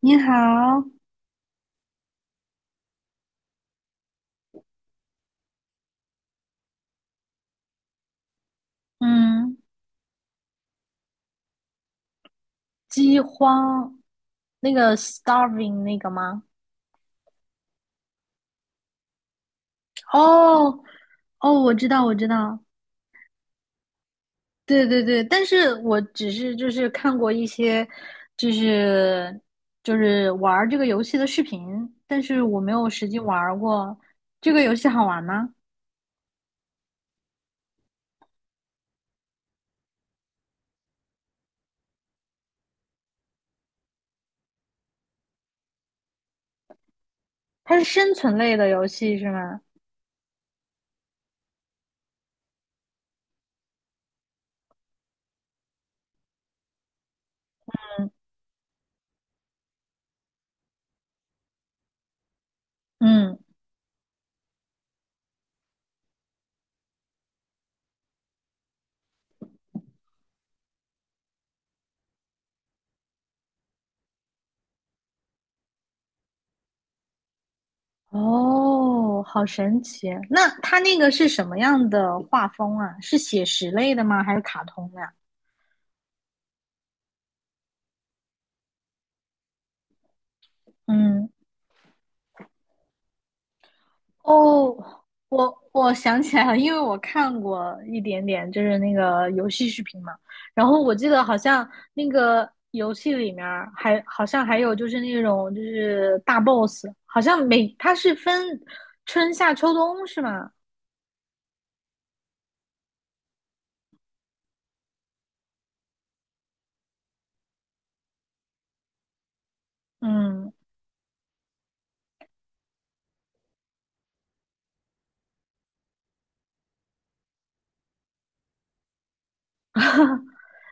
你好。嗯，饥荒，那个 starving 那个吗？哦。哦，我知道，我知道。对对对，但是我只是看过一些，就是玩儿这个游戏的视频，但是我没有实际玩儿过。这个游戏好玩吗？它是生存类的游戏是吗？嗯。哦，好神奇。那它那个是什么样的画风啊？是写实类的吗？还是卡通呀、嗯。哦，我想起来了，因为我看过一点点，就是那个游戏视频嘛。然后我记得好像那个游戏里面儿还好像还有就是那种就是大 boss,好像每它是分春夏秋冬是吗？嗯，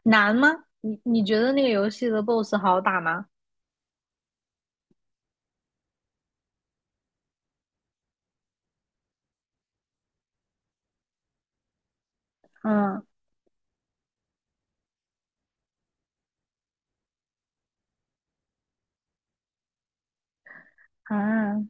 难吗？你觉得那个游戏的 boss 好打吗？嗯。啊。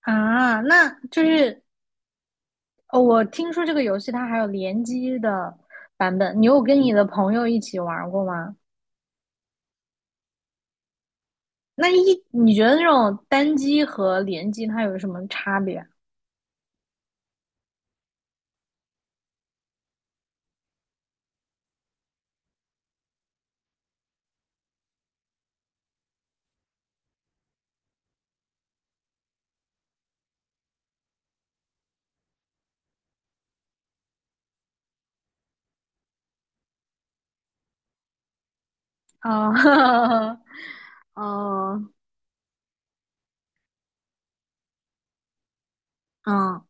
啊，那就是哦，我听说这个游戏它还有联机的版本，你有跟你的朋友一起玩儿过吗？那一你觉得那种单机和联机它有什么差别啊？啊，啊，嗯。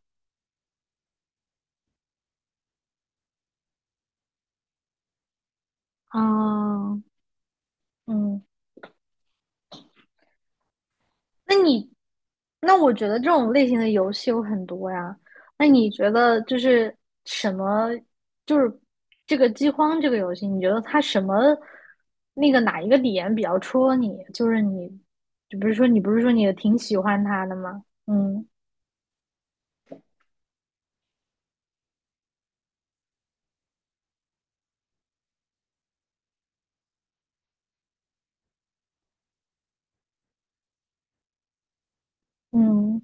嗯。嗯，那你，那我觉得这种类型的游戏有很多呀。那你觉得就是什么，就是这个饥荒这个游戏，你觉得它什么那个哪一个点比较戳你？就是你，就比如说你不是说你挺喜欢它的吗？嗯。嗯。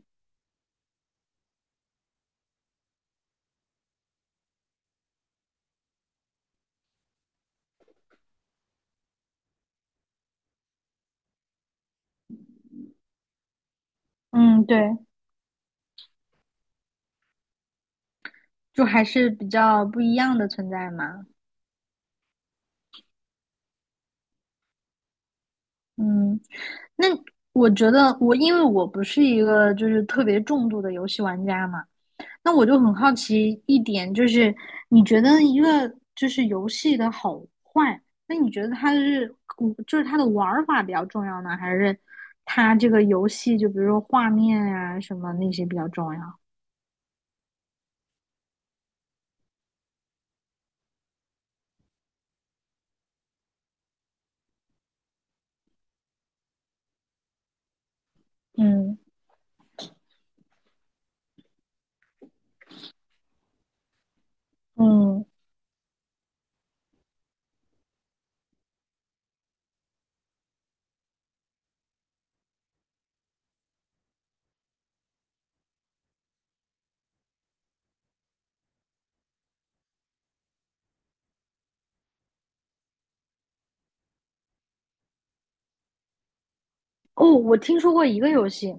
嗯，对，就还是比较不一样的存在嘛。嗯，那我觉得我因为我不是一个就是特别重度的游戏玩家嘛，那我就很好奇一点，就是你觉得一个就是游戏的好坏，那你觉得它是嗯就是它的玩法比较重要呢，还是它这个游戏就比如说画面啊什么那些比较重要？嗯。嗯。哦，我听说过一个游戏，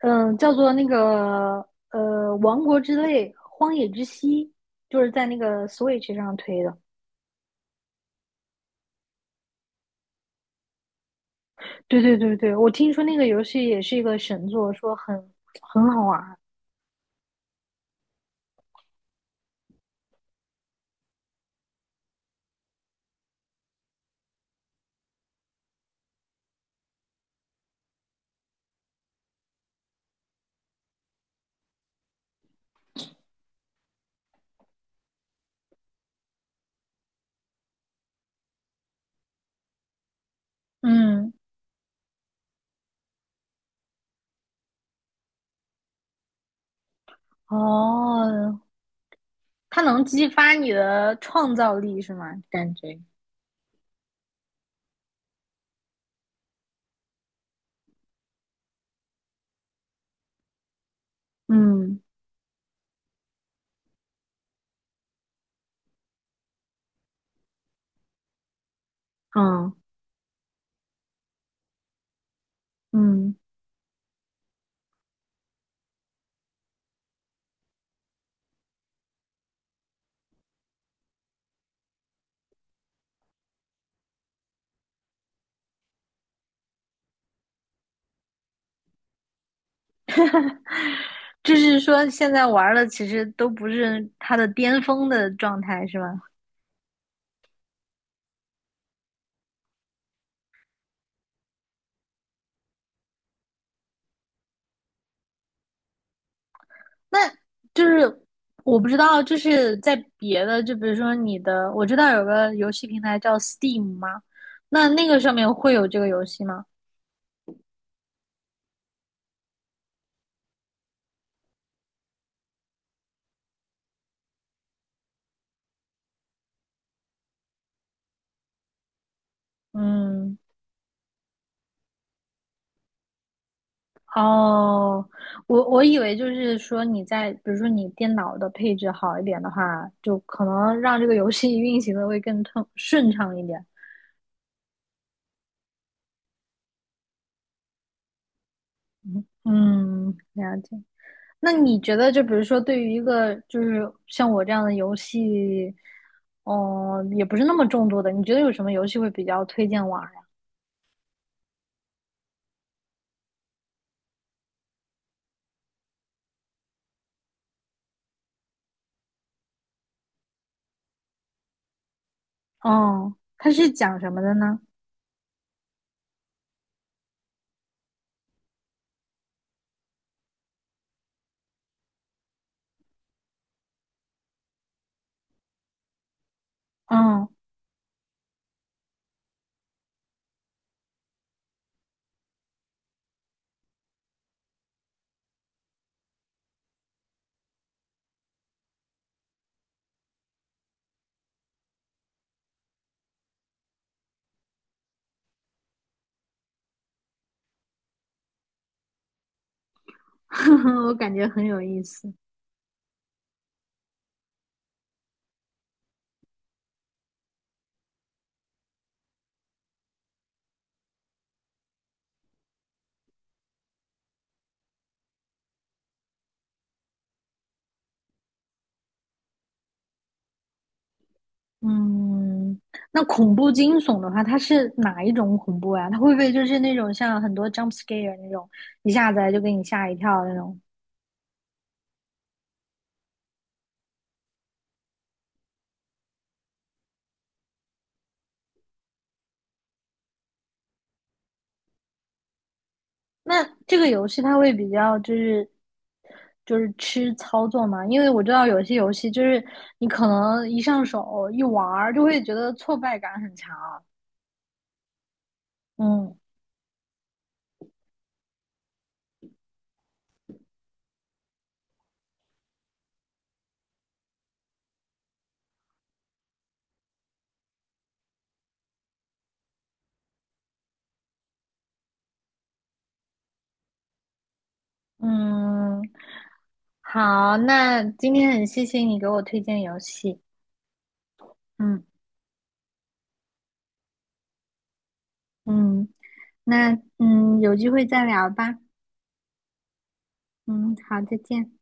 嗯、叫做那个《王国之泪：荒野之息》，就是在那个 Switch 上推的。对对对对，我听说那个游戏也是一个神作，说很很好玩。嗯。哦，它能激发你的创造力是吗？感觉，嗯。嗯。嗯，就是说现在玩儿的其实都不是它的巅峰的状态是吧？那就是我不知道，就是在别的，就比如说你的，我知道有个游戏平台叫 Steam 吗？那那个上面会有这个游戏吗？嗯，哦，我以为就是说你在，比如说你电脑的配置好一点的话，就可能让这个游戏运行的会更通顺畅一点。嗯，了解。那你觉得，就比如说，对于一个就是像我这样的游戏，哦、也不是那么重度的，你觉得有什么游戏会比较推荐玩儿呀？哦，它是讲什么的呢？嗯，我感觉很有意思。嗯，那恐怖惊悚的话，它是哪一种恐怖呀？它会不会就是那种像很多 jump scare 那种，一下子就给你吓一跳那种？那这个游戏它会比较就是吃操作嘛，因为我知道有些游戏就是你可能一上手一玩儿就会觉得挫败感很强。嗯。嗯，好，那今天很谢谢你给我推荐游戏。嗯。嗯，那嗯有机会再聊吧。嗯，好，再见。